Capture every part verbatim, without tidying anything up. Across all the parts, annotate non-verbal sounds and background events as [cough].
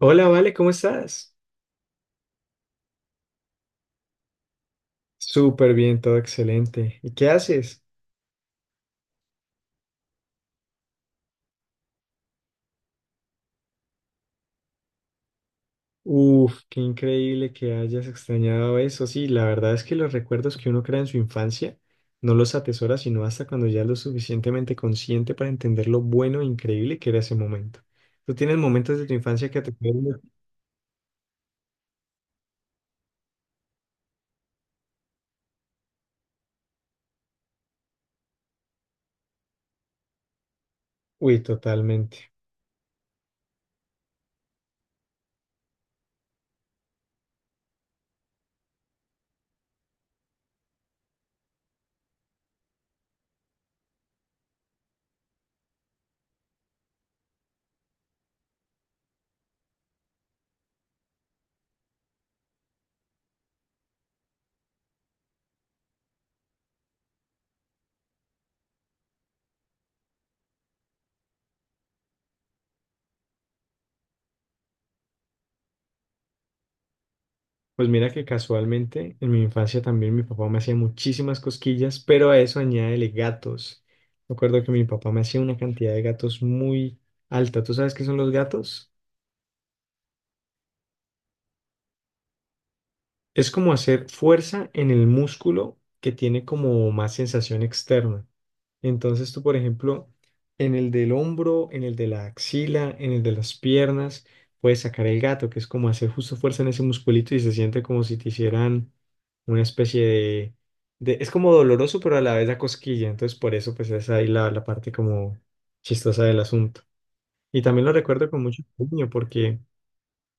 Hola, Vale, ¿cómo estás? Súper bien, todo excelente. ¿Y qué haces? Uf, qué increíble que hayas extrañado eso. Sí, la verdad es que los recuerdos que uno crea en su infancia no los atesora sino hasta cuando ya es lo suficientemente consciente para entender lo bueno e increíble que era ese momento. ¿Tú tienes momentos de tu infancia que te quedan? Uy, totalmente. Pues mira que casualmente en mi infancia también mi papá me hacía muchísimas cosquillas, pero a eso añádele gatos. Me acuerdo que mi papá me hacía una cantidad de gatos muy alta. ¿Tú sabes qué son los gatos? Es como hacer fuerza en el músculo que tiene como más sensación externa. Entonces tú, por ejemplo, en el del hombro, en el de la axila, en el de las piernas, puedes sacar el gato, que es como hacer justo fuerza en ese musculito y se siente como si te hicieran una especie de, de- es como doloroso, pero a la vez da cosquilla. Entonces por eso pues es ahí la, la parte como chistosa del asunto. Y también lo recuerdo con mucho cariño porque...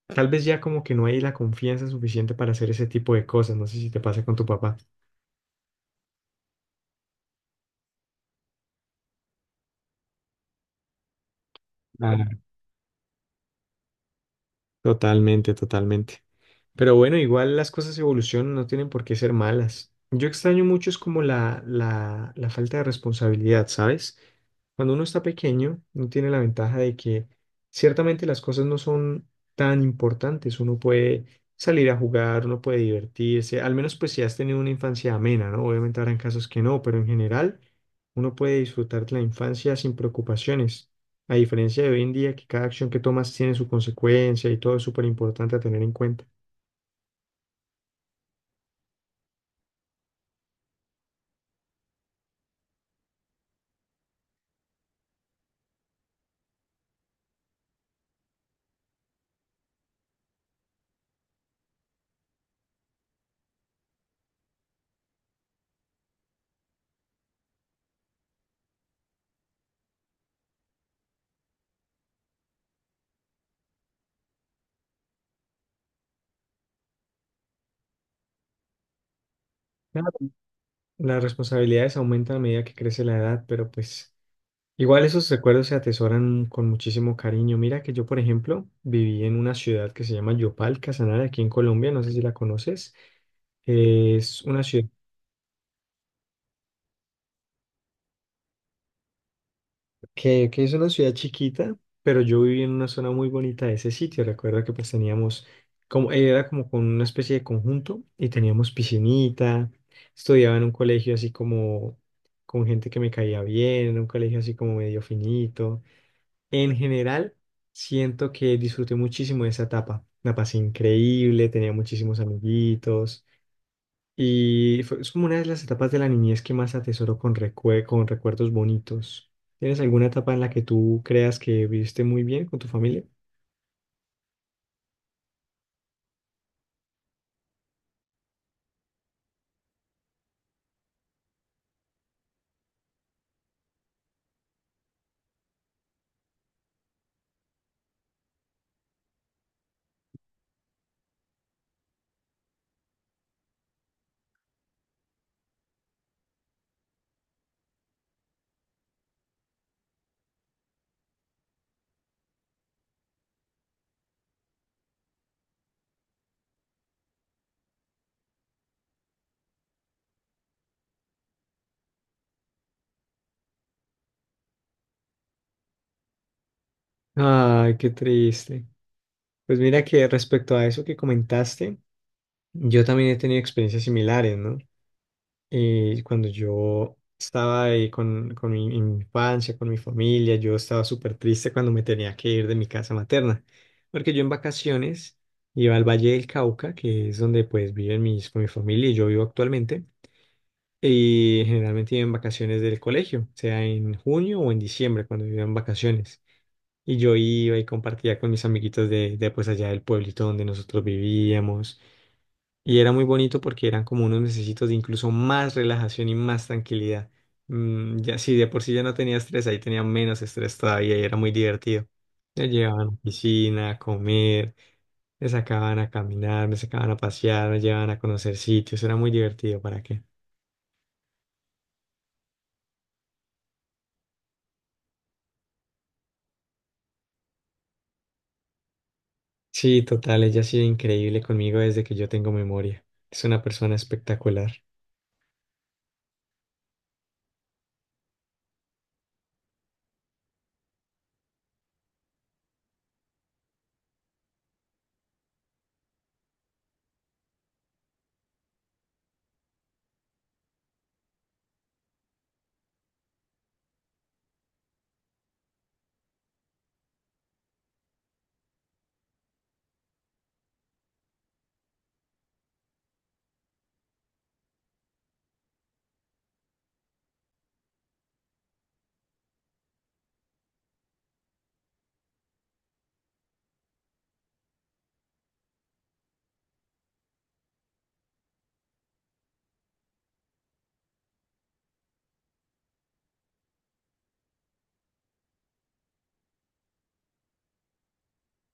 Tal vez ya como que no hay la confianza suficiente para hacer ese tipo de cosas. No sé si te pasa con tu papá. Claro. Totalmente, totalmente. Pero bueno, igual las cosas evolucionan, no tienen por qué ser malas. Yo extraño mucho es como la, la, la falta de responsabilidad, ¿sabes? Cuando uno está pequeño, uno tiene la ventaja de que ciertamente las cosas no son tan importantes. Uno puede salir a jugar, uno puede divertirse, al menos pues si has tenido una infancia amena, ¿no? Obviamente habrán casos que no, pero en general uno puede disfrutar de la infancia sin preocupaciones. A diferencia de hoy en día que cada acción que tomas tiene su consecuencia y todo es súper importante a tener en cuenta. Claro, las responsabilidades aumentan a medida que crece la edad, pero pues igual esos recuerdos se atesoran con muchísimo cariño. Mira que yo, por ejemplo, viví en una ciudad que se llama Yopal, Casanare, aquí en Colombia, no sé si la conoces. Es una ciudad que, que es una ciudad chiquita, pero yo viví en una zona muy bonita de ese sitio. Recuerdo que pues teníamos, como, era como con una especie de conjunto y teníamos piscinita, estudiaba en un colegio así como con gente que me caía bien, en un colegio así como medio finito. En general, siento que disfruté muchísimo de esa etapa. La pasé increíble, tenía muchísimos amiguitos y fue, es como una de las etapas de la niñez que más atesoro con, recue- con recuerdos bonitos. ¿Tienes alguna etapa en la que tú creas que viviste muy bien con tu familia? Ay, qué triste. Pues mira que respecto a eso que comentaste, yo también he tenido experiencias similares, ¿no? eh, cuando yo estaba ahí con, con mi, en mi infancia, con mi familia, yo estaba súper triste cuando me tenía que ir de mi casa materna, porque yo en vacaciones iba al Valle del Cauca, que es donde pues viven mis, con mi familia y yo vivo actualmente, y generalmente iba en vacaciones del colegio, sea en junio o en diciembre cuando iba en vacaciones. Y yo iba y compartía con mis amiguitos de, de pues allá del pueblito donde nosotros vivíamos. Y era muy bonito porque eran como unos mesecitos de incluso más relajación y más tranquilidad. Mm, ya sí, de por sí ya no tenía estrés, ahí tenía menos estrés todavía y era muy divertido. Me llevaban a la piscina, a comer, me sacaban a caminar, me sacaban a pasear, me llevaban a conocer sitios, era muy divertido, ¿para qué? Sí, total, ella ha sido increíble conmigo desde que yo tengo memoria. Es una persona espectacular.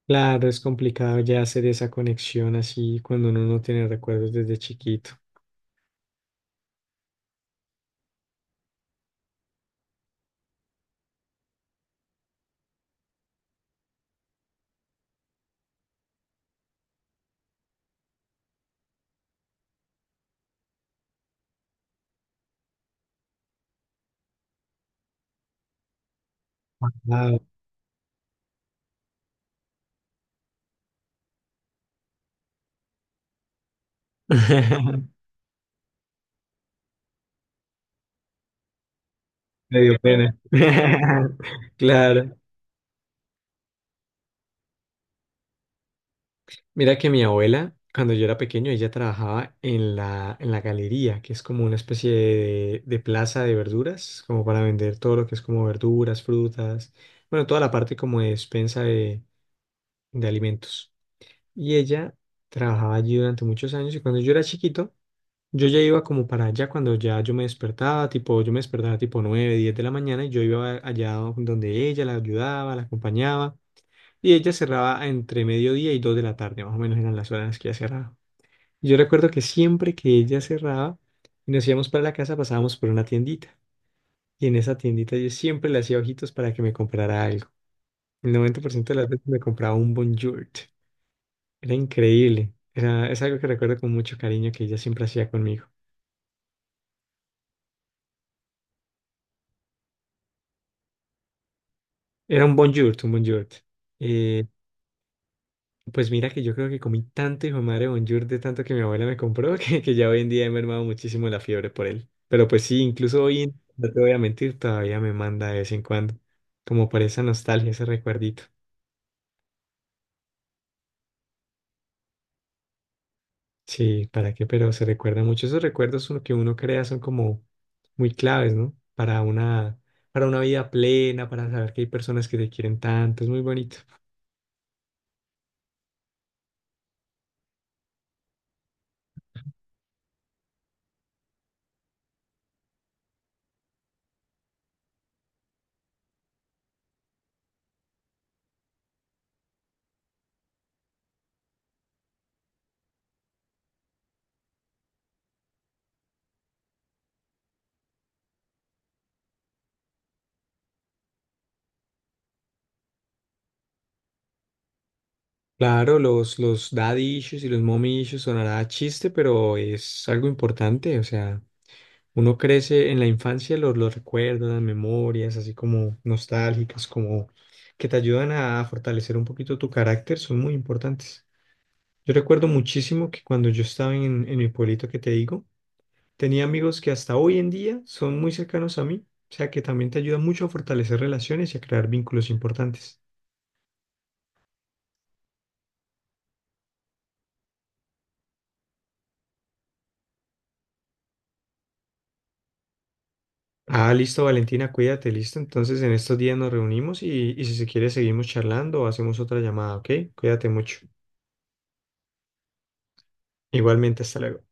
Claro, es complicado ya hacer esa conexión así cuando uno no tiene recuerdos desde chiquito. Wow. [laughs] Me dio pena. [laughs] Claro. Mira que mi abuela, cuando yo era pequeño, ella trabajaba en la, en la galería, que es como una especie de, de plaza de verduras, como para vender todo lo que es como verduras, frutas, bueno, toda la parte como de despensa de, de alimentos. Y ella trabajaba allí durante muchos años y cuando yo era chiquito, yo ya iba como para allá cuando ya yo me despertaba, tipo, yo me despertaba tipo nueve diez de la mañana y yo iba allá donde ella la ayudaba, la acompañaba. Y ella cerraba entre mediodía y dos de la tarde, más o menos eran las horas en las que ella cerraba. Y yo recuerdo que siempre que ella cerraba y nos íbamos para la casa, pasábamos por una tiendita. Y en esa tiendita yo siempre le hacía ojitos para que me comprara algo. El noventa por ciento de las veces me compraba un Bonjour. Era increíble. Era, es algo que recuerdo con mucho cariño que ella siempre hacía conmigo. Era un Bonjour, un Bonjour. Pues mira que yo creo que comí tanto hijo de madre Bonjour de tanto que mi abuela me compró [laughs] que, que ya hoy en día he mermado muchísimo la fiebre por él. Pero pues sí, incluso hoy, en- no te voy a mentir, todavía me manda de vez en cuando, como por esa nostalgia, ese recuerdito. Sí, ¿para qué? Pero se recuerda mucho. Esos recuerdos son lo que uno crea son como muy claves, ¿no? Para una, para una vida plena, para saber que hay personas que te quieren tanto, es muy bonito. Claro, los, los daddy issues y los mommy issues sonará a chiste, pero es algo importante. O sea, uno crece en la infancia, los, los recuerdos, las memorias, así como nostálgicas, como que te ayudan a fortalecer un poquito tu carácter, son muy importantes. Yo recuerdo muchísimo que cuando yo estaba en, en mi pueblito que te digo, tenía amigos que hasta hoy en día son muy cercanos a mí, o sea que también te ayuda mucho a fortalecer relaciones y a crear vínculos importantes. Ah, listo, Valentina, cuídate, listo. Entonces en estos días nos reunimos y, y si se quiere seguimos charlando o hacemos otra llamada, ¿ok? Cuídate mucho. Igualmente, hasta luego.